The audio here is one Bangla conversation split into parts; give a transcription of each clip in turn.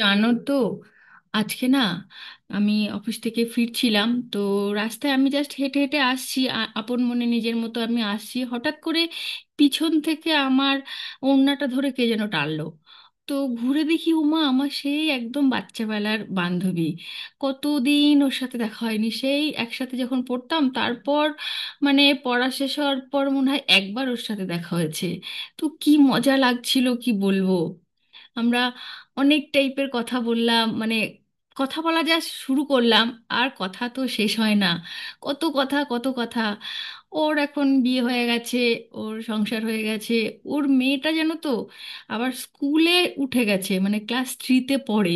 জানো তো? আজকে না, আমি অফিস থেকে ফিরছিলাম তো, রাস্তায় আমি জাস্ট হেঁটে হেঁটে আসছি, আপন মনে নিজের মতো আমি আসছি, হঠাৎ করে পিছন থেকে আমার ওড়নাটা ধরে কে যেন টানলো। তো ঘুরে দেখি উমা, আমার সেই একদম বাচ্চাবেলার বান্ধবী। কতদিন ওর সাথে দেখা হয়নি, সেই একসাথে যখন পড়তাম, তারপর মানে পড়া শেষ হওয়ার পর মনে হয় একবার ওর সাথে দেখা হয়েছে। তো কি মজা লাগছিল, কি বলবো! আমরা অনেক টাইপের কথা বললাম, মানে কথা বলা যা শুরু করলাম, আর কথা তো শেষ হয় না। কত কথা, কত কথা। ওর এখন বিয়ে হয়ে গেছে, ওর সংসার হয়ে গেছে, ওর মেয়েটা যেন তো আবার স্কুলে উঠে গেছে, মানে ক্লাস থ্রিতে পড়ে।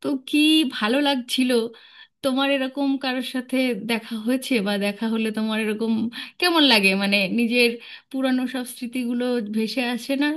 তো কি ভালো লাগছিল। তোমার এরকম কারোর সাথে দেখা হয়েছে, বা দেখা হলে তোমার এরকম কেমন লাগে, মানে নিজের পুরানো সব স্মৃতিগুলো ভেসে আসে না?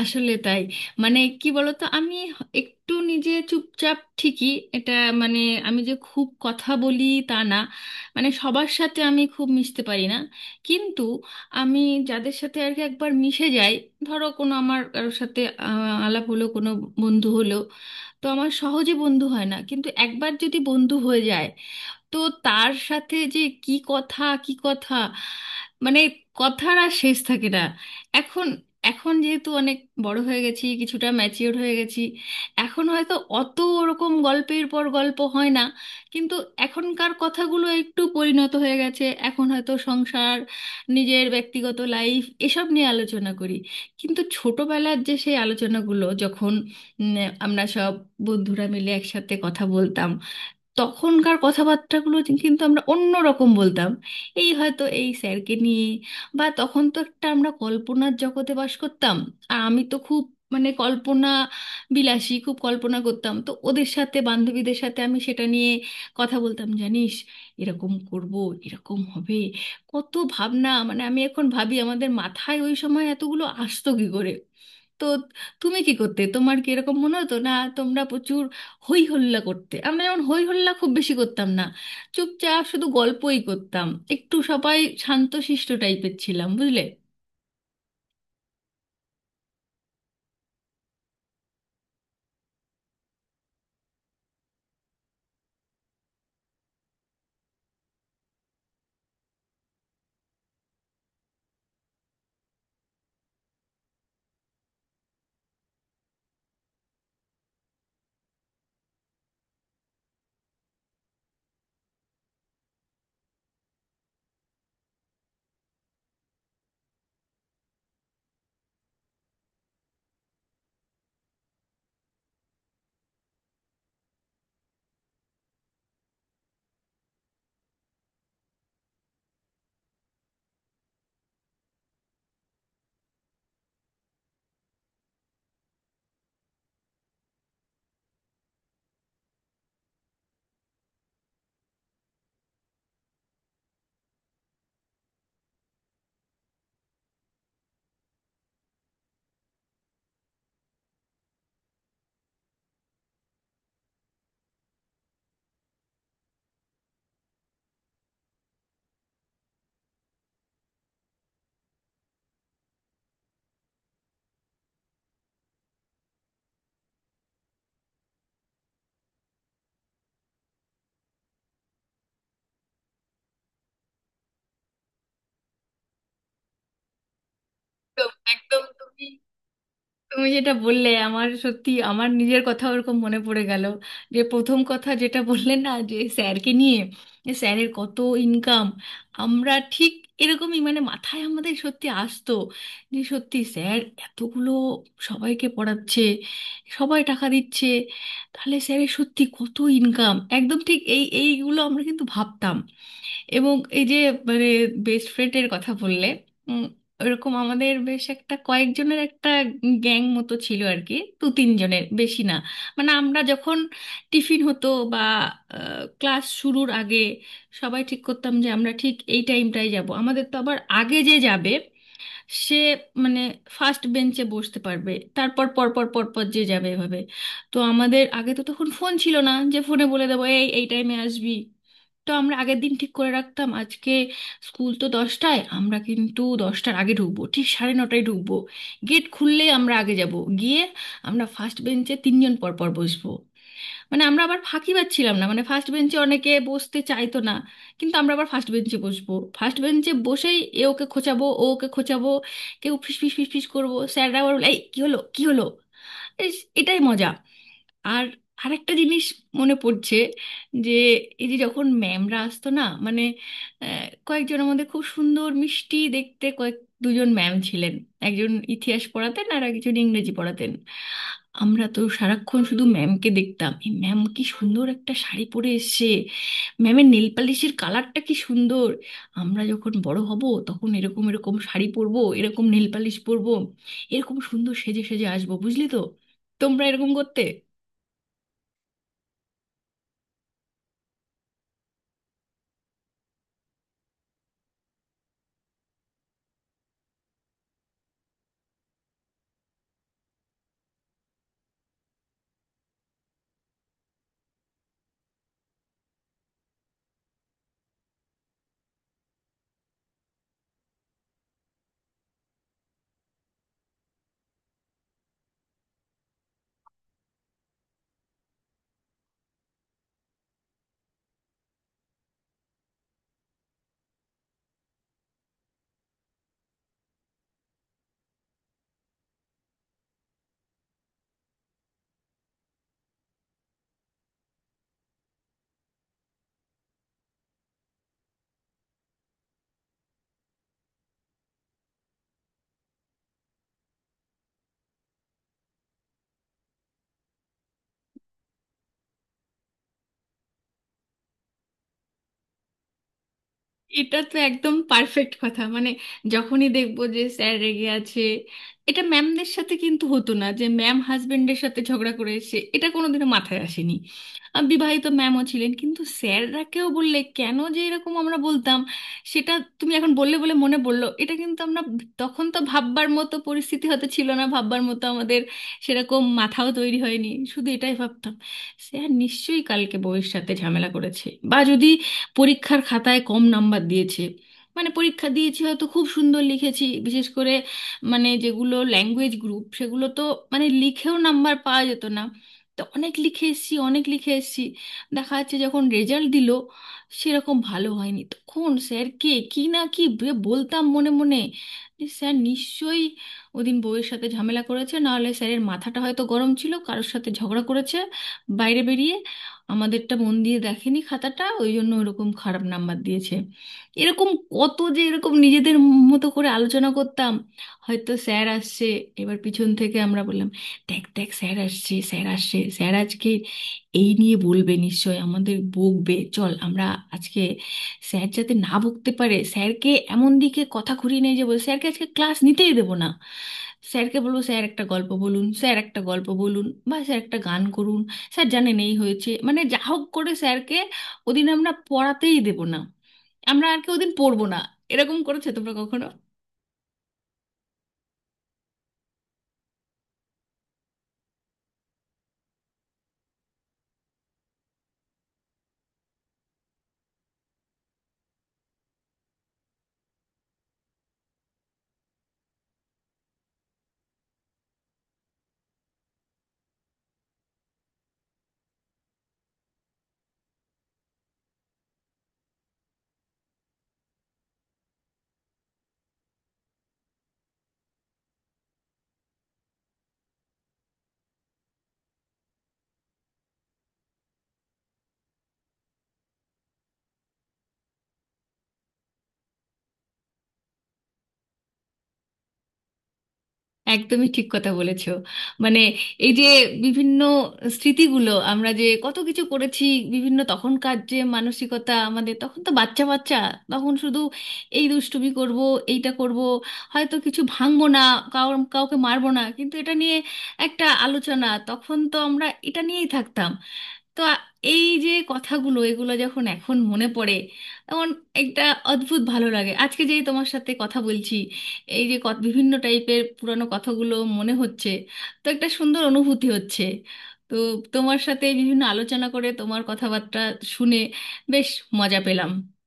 আসলে তাই। মানে কি বলতো, আমি একটু নিজে চুপচাপ ঠিকই, এটা মানে, আমি যে খুব কথা বলি তা না, মানে সবার সাথে আমি খুব মিশতে পারি না। কিন্তু আমি যাদের সাথে আর কি একবার মিশে যাই, ধরো কোনো আমার কারোর সাথে আলাপ হলো, কোনো বন্ধু হলো, তো আমার সহজে বন্ধু হয় না, কিন্তু একবার যদি বন্ধু হয়ে যায়, তো তার সাথে যে কি কথা কি কথা, মানে কথার আর শেষ থাকে না। এখন, এখন যেহেতু অনেক বড় হয়ে গেছি, কিছুটা ম্যাচিওর হয়ে গেছি, এখন হয়তো অত ওরকম গল্পের পর গল্প হয় না, কিন্তু এখনকার কথাগুলো একটু পরিণত হয়ে গেছে। এখন হয়তো সংসার, নিজের ব্যক্তিগত লাইফ এসব নিয়ে আলোচনা করি। কিন্তু ছোটবেলার যে সেই আলোচনাগুলো, যখন উম, আমরা সব বন্ধুরা মিলে একসাথে কথা বলতাম, তখনকার কথাবার্তাগুলো কিন্তু আমরা অন্য রকম বলতাম। এই হয়তো এই স্যারকে নিয়ে, বা তখন তো একটা আমরা কল্পনার জগতে বাস করতাম। আর আমি তো খুব, মানে কল্পনা বিলাসী, খুব কল্পনা করতাম, তো ওদের সাথে, বান্ধবীদের সাথে আমি সেটা নিয়ে কথা বলতাম। জানিস, এরকম করব, এরকম হবে, কত ভাবনা! মানে আমি এখন ভাবি আমাদের মাথায় ওই সময় এতগুলো আসতো কী করে! তো তুমি কি করতে? তোমার কি এরকম মনে হতো না? তোমরা প্রচুর হই হল্লা করতে? আমরা যেমন হই হল্লা খুব বেশি করতাম না, চুপচাপ শুধু গল্পই করতাম, একটু সবাই শান্তশিষ্ট টাইপের ছিলাম, বুঝলে। একদম একদম, তুমি তুমি যেটা বললে আমার সত্যি আমার নিজের কথা ওরকম মনে পড়ে গেল। যে প্রথম কথা যেটা বললে না, যে স্যারকে নিয়ে, যে স্যারের কত ইনকাম, আমরা ঠিক এরকমই, মানে মাথায় আমাদের সত্যি আসতো যে সত্যি স্যার এতগুলো সবাইকে পড়াচ্ছে, সবাই টাকা দিচ্ছে, তাহলে স্যারের সত্যি কত ইনকাম। একদম ঠিক, এইগুলো আমরা কিন্তু ভাবতাম। এবং এই যে, মানে বেস্ট ফ্রেন্ডের কথা বললে, উম, ওরকম আমাদের বেশ একটা কয়েকজনের একটা গ্যাং মতো ছিল আর কি, দু তিনজনের বেশি না। মানে আমরা যখন টিফিন হতো বা ক্লাস শুরুর আগে, সবাই ঠিক করতাম যে আমরা ঠিক এই টাইমটাই যাব। আমাদের তো আবার আগে যে যাবে সে মানে ফার্স্ট বেঞ্চে বসতে পারবে, তারপর পরপর পরপর যে যাবে এভাবে। তো আমাদের আগে তো তখন ফোন ছিল না যে ফোনে বলে দেবো এই এই টাইমে আসবি, তো আমরা আগের দিন ঠিক করে রাখতাম, আজকে স্কুল তো 10টায়, আমরা কিন্তু 10টার আগে ঢুকবো, ঠিক সাড়ে 9টায় ঢুকবো। গেট খুললেই আমরা আগে যাব, গিয়ে আমরা ফার্স্ট বেঞ্চে তিনজন পরপর বসবো। মানে আমরা আবার ফাঁকি পাচ্ছিলাম না, মানে ফার্স্ট বেঞ্চে অনেকে বসতে চাইতো না, কিন্তু আমরা আবার ফার্স্ট বেঞ্চে বসবো। ফার্স্ট বেঞ্চে বসেই এ ওকে খোঁচাবো, ও ওকে খোঁচাবো, কেউ ফিস ফিস ফিস ফিস করবো, স্যাররা আবার বলে এই কি হলো কি হলো। ইস, এটাই মজা! আর আরেকটা জিনিস মনে পড়ছে, যে এই যে যখন ম্যামরা আসতো না, মানে কয়েকজনের মধ্যে খুব সুন্দর মিষ্টি দেখতে কয়েক দুজন ম্যাম ছিলেন, একজন ইতিহাস পড়াতেন আর একজন ইংরেজি পড়াতেন। আমরা তো সারাক্ষণ শুধু ম্যামকে দেখতাম, এই ম্যাম কি সুন্দর একটা শাড়ি পরে এসেছে, ম্যামের নেল পালিশের কালারটা কি সুন্দর। আমরা যখন বড় হব তখন এরকম এরকম শাড়ি পরবো, এরকম নেল পালিশ পরবো, এরকম সুন্দর সেজে সেজে আসবো, বুঝলি তো। তোমরা এরকম করতে? এটা তো একদম পারফেক্ট কথা, মানে যখনই দেখবো যে স্যার রেগে আছে। এটা ম্যামদের সাথে কিন্তু হতো না যে ম্যাম হাজবেন্ডের সাথে ঝগড়া করে এসে, এটা কোনোদিনও মাথায় আসেনি। বিবাহিত ম্যামও ছিলেন কিন্তু, স্যাররাকেও বললে কেন যে এরকম আমরা বলতাম সেটা। তুমি এখন বললে বলে মনে পড়লো, এটা কিন্তু আমরা তখন তো ভাববার মতো পরিস্থিতি হতে ছিল না, ভাববার মতো আমাদের সেরকম মাথাও তৈরি হয়নি, শুধু এটাই ভাবতাম স্যার নিশ্চয়ই কালকে বউয়ের সাথে ঝামেলা করেছে। বা যদি পরীক্ষার খাতায় কম নাম্বার দিয়েছে, মানে পরীক্ষা দিয়েছি হয়তো খুব সুন্দর লিখেছি, বিশেষ করে মানে যেগুলো ল্যাঙ্গুয়েজ গ্রুপ সেগুলো তো মানে লিখেও নাম্বার পাওয়া যেত না, তো অনেক লিখে এসেছি অনেক লিখে এসেছি, দেখা যাচ্ছে যখন রেজাল্ট দিল সেরকম ভালো হয়নি, তখন স্যারকে কি না কি বলতাম মনে মনে, যে স্যার নিশ্চয়ই ওদিন বউয়ের সাথে ঝামেলা করেছে, নাহলে স্যারের মাথাটা হয়তো গরম ছিল, কারোর সাথে ঝগড়া করেছে বাইরে বেরিয়ে, আমাদেরটা মন দিয়ে দেখেনি খাতাটা, ওই জন্য ওরকম খারাপ নাম্বার দিয়েছে। এরকম কত যে এরকম নিজেদের মতো করে আলোচনা করতাম। হয়তো স্যার আসছে, এবার পিছন থেকে আমরা বললাম দেখ দেখ স্যার আসছে স্যার আসছে, স্যার আজকে এই নিয়ে বলবে নিশ্চয়, আমাদের বকবে, চল আমরা আজকে স্যার যাতে না বকতে পারে, স্যারকে এমন দিকে কথা ঘুরিয়ে নিয়ে যাবো, স্যারকে আজকে ক্লাস নিতেই দেবো না, স্যারকে বলবো স্যার একটা গল্প বলুন, স্যার একটা গল্প বলুন, বা স্যার একটা গান করুন, স্যার জানেন এই হয়েছে, মানে যা হোক করে স্যারকে ওদিন আমরা পড়াতেই দেব না, আমরা আর কি ওদিন পড়বো না। এরকম করেছো তোমরা কখনো? একদমই ঠিক কথা বলেছো। মানে এই যে বিভিন্ন স্মৃতিগুলো আমরা যে কত কিছু করেছি, বিভিন্ন তখনকার যে মানসিকতা, আমাদের তখন তো বাচ্চা বাচ্চা, তখন শুধু এই দুষ্টুমি করব, এইটা করব, হয়তো কিছু ভাঙবো না, কাউর কাউকে মারবো না, কিন্তু এটা নিয়ে একটা আলোচনা, তখন তো আমরা এটা নিয়েই থাকতাম। তো এই যে কথাগুলো এগুলো যখন এখন মনে পড়ে, এমন একটা অদ্ভুত ভালো লাগে। আজকে যেই তোমার সাথে কথা বলছি, এই যে বিভিন্ন টাইপের পুরানো কথাগুলো মনে হচ্ছে, তো একটা সুন্দর অনুভূতি হচ্ছে। তো তোমার সাথে বিভিন্ন আলোচনা করে, তোমার কথাবার্তা শুনে বেশ মজা পেলাম।